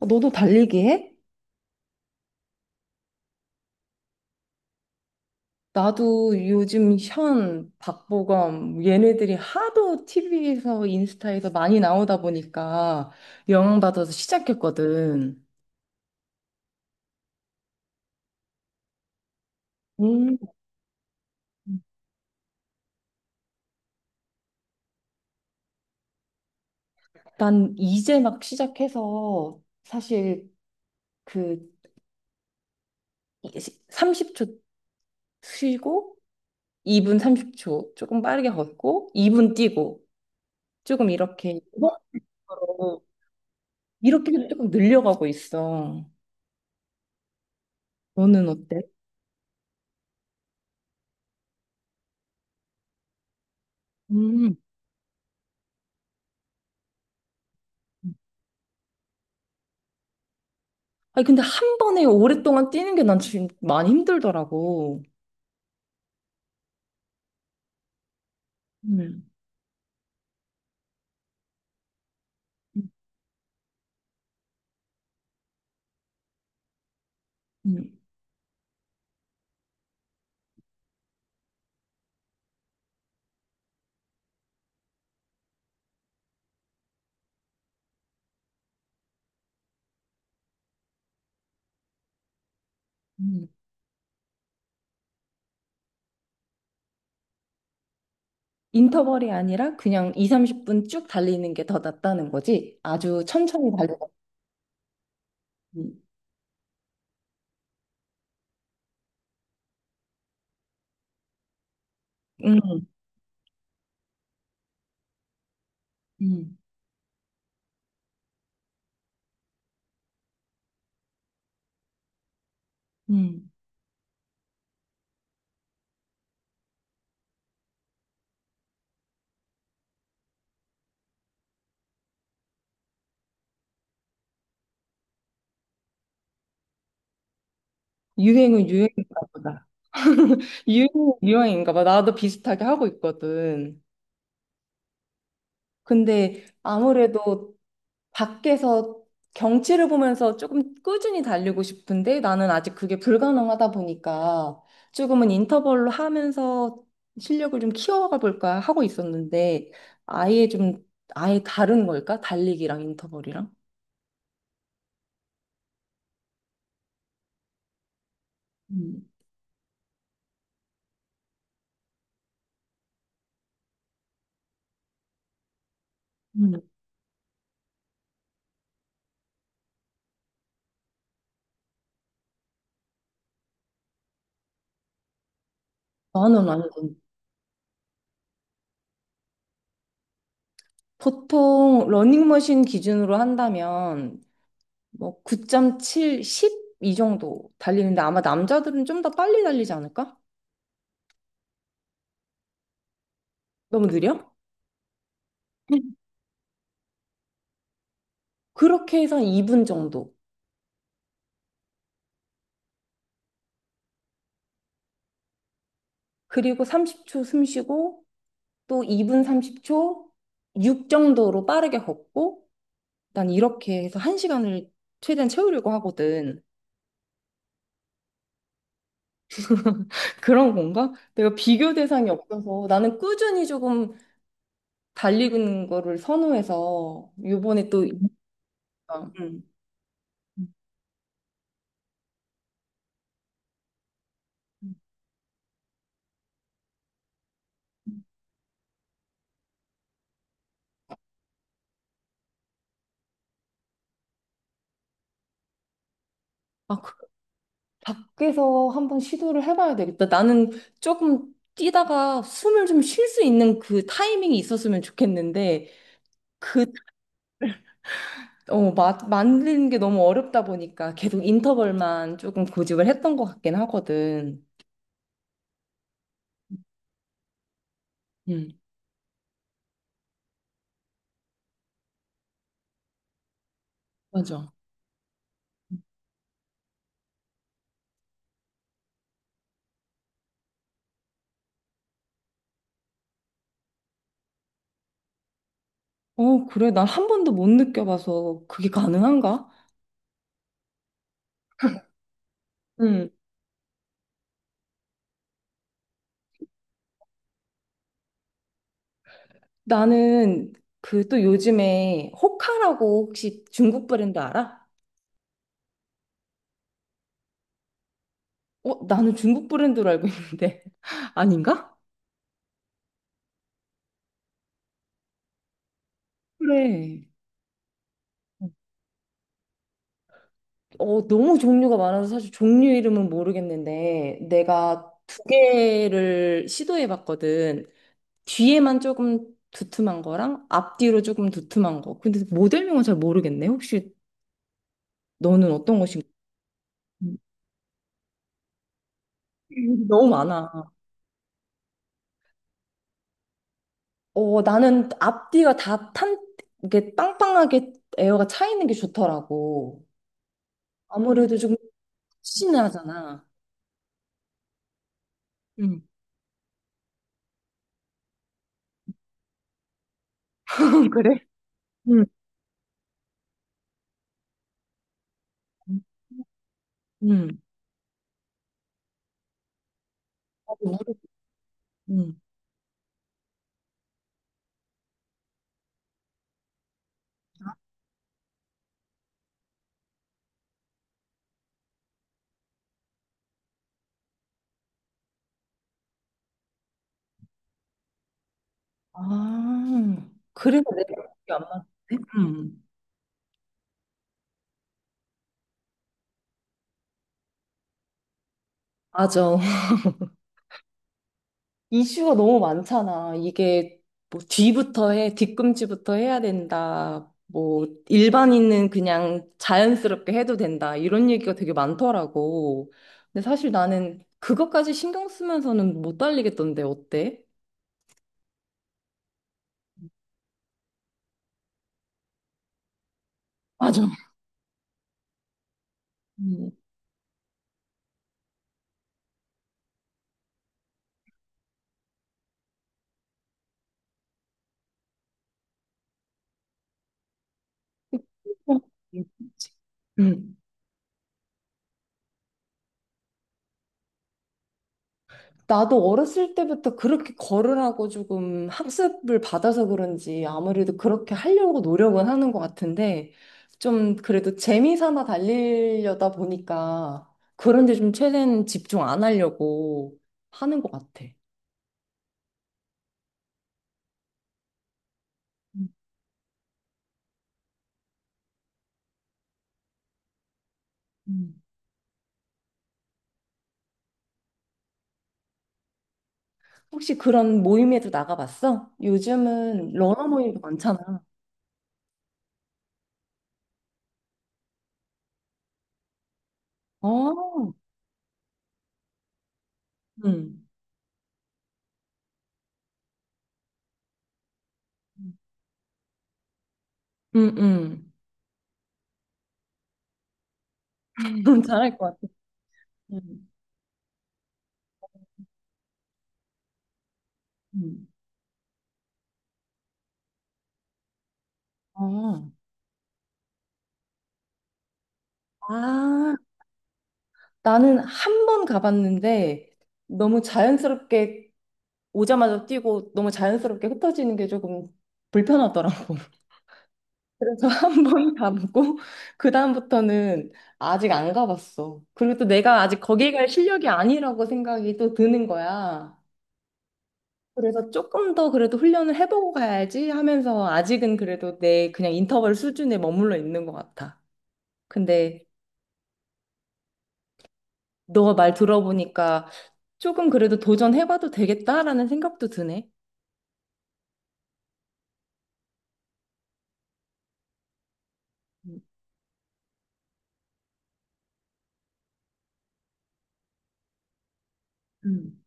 어, 너도 달리기 해? 나도 요즘 현, 박보검 얘네들이 하도 TV에서 인스타에서 많이 나오다 보니까 영향 받아서 시작했거든. 음, 난 이제 막 시작해서 사실 그 30초 쉬고 2분 30초 조금 빠르게 걷고 2분 뛰고 조금 이렇게 이렇게 조금 늘려가고 있어. 너는 어때? 음. 아니, 근데 한 번에 오랫동안 뛰는 게 난 지금 많이 힘들더라고. 음, 음, 음. 인터벌이 아니라 그냥 2, 30분 쭉 달리는 게 더 낫다는 거지. 아주 천천히 달리고. 음, 음, 음. 유행은 유행인가 보다. 유행은 유행인가 봐. 나도 비슷하게 하고 있거든. 근데 아무래도 밖에서 경치를 보면서 조금 꾸준히 달리고 싶은데 나는 아직 그게 불가능하다 보니까 조금은 인터벌로 하면서 실력을 좀 키워가 볼까 하고 있었는데 아예 좀 아예 다른 걸까? 달리기랑 인터벌이랑? 음, 음, 나는 완전 보통 러닝머신 기준으로 한다면 뭐 9.7, 10 이 정도 달리는데 아마 남자들은 좀 더 빨리 달리지 않을까? 너무 느려? 그렇게 해서 한 2분 정도. 그리고 30초 숨 쉬고 또 2분 30초 6 정도로 빠르게 걷고 난 이렇게 해서 한 시간을 최대한 채우려고 하거든. 그런 건가? 내가 비교 대상이 없어서 나는 꾸준히 조금 달리는 거를 선호해서 요번에 또 아, 아, 밖에서 한번 시도를 해봐야 되겠다. 나는 조금 뛰다가 숨을 좀 쉴 수 있는 그 타이밍이 있었으면 좋겠는데 그 만드는 게 너무 어렵다 보니까 계속 인터벌만 조금 고집을 했던 것 같긴 하거든. 응, 맞아. 어, 그래. 난 한 번도 못 느껴봐서 그게 가능한가? 응. 나는 그 또 요즘에 호카라고 혹시 중국 브랜드 알아? 어, 나는 중국 브랜드로 알고 있는데. 아닌가? 그래. 어, 너무 종류가 많아서 사실 종류 이름은 모르겠는데 내가 두 개를 시도해 봤거든. 뒤에만 조금 두툼한 거랑 앞뒤로 조금 두툼한 거. 근데 모델명은 잘 모르겠네. 혹시 너는 어떤 것인가? 너무 많아. 어, 나는 앞뒤가 다 이게 빵빵하게 에어가 차 있는 게 좋더라고. 아무래도 좀 신하잖아. 응. 그래? 응. 응. 나도 모르- 응. 아, 그래서 내가 기억이 안 나는데? 응. 맞아. 이슈가 너무 많잖아. 이게 뭐 뒤부터 해, 뒤꿈치부터 해야 된다. 뭐 일반인은 그냥 자연스럽게 해도 된다. 이런 얘기가 되게 많더라고. 근데 사실 나는 그것까지 신경 쓰면서는 못 달리겠던데 어때? 맞아. 음. 어, 음. 나도 어렸을 때부터 그렇게 거으라고 조금 학습을 받아서 그런지 아무래도 그렇게 하려고 노력은 하는 것 같은데 좀 그래도 재미 삼아 달리려다 보니까 그런데 좀 최대한 집중 안 하려고 하는 것 같아. 음, 음. 혹시 그런 모임에도 나가봤어? 요즘은 러너 모임도 많잖아. 어, 응, 응 응, 응. 잘할 것 같아. 응 응, 어. 아, 나는 한 번 가봤는데 너무 자연스럽게 오자마자 뛰고 너무 자연스럽게 흩어지는 게 조금 불편하더라고. 그래서 한 번 가보고 그다음부터는 아직 안 가봤어. 그리고 또 내가 아직 거기 갈 실력이 아니라고 생각이 또 드는 거야. 그래서 조금 더 그래도 훈련을 해보고 가야지 하면서 아직은 그래도 내 그냥 인터벌 수준에 머물러 있는 것 같아. 근데 너가 말 들어보니까 조금 그래도 도전해봐도 되겠다라는 생각도 드네. 음, 음,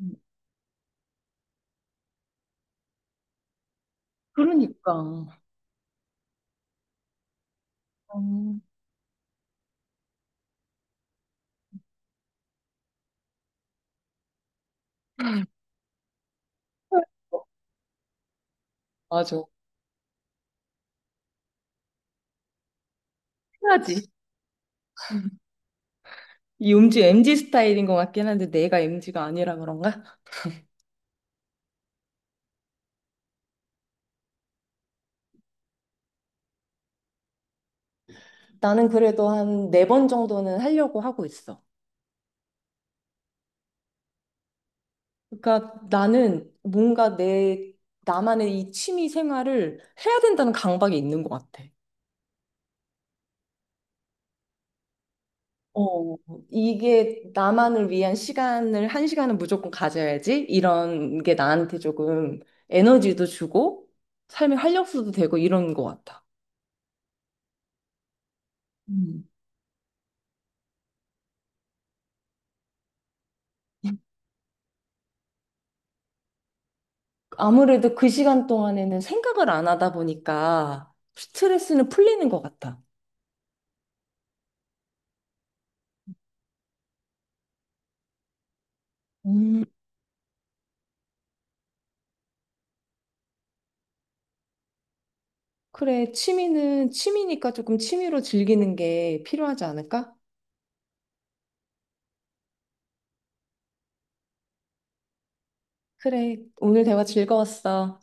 음. 그러니까. 음, 맞아. 해야지. 이 음주 MG 스타일인 것 같긴 한데 내가 MG가 아니라 그런가? 나는 그래도 한 네 번 정도는 하려고 하고 있어. 그러니까 나는 뭔가 내 나만의 이 취미 생활을 해야 된다는 강박이 있는 것 같아. 어, 이게 나만을 위한 시간을 한 시간은 무조건 가져야지. 이런 게 나한테 조금 에너지도 주고 삶의 활력소도 되고 이런 것 같아. 음. 아무래도 그 시간 동안에는 생각을 안 하다 보니까 스트레스는 풀리는 것 같아. 음, 그래, 취미는 취미니까 조금 취미로 즐기는 게 필요하지 않을까? 그래, 오늘 대화 즐거웠어.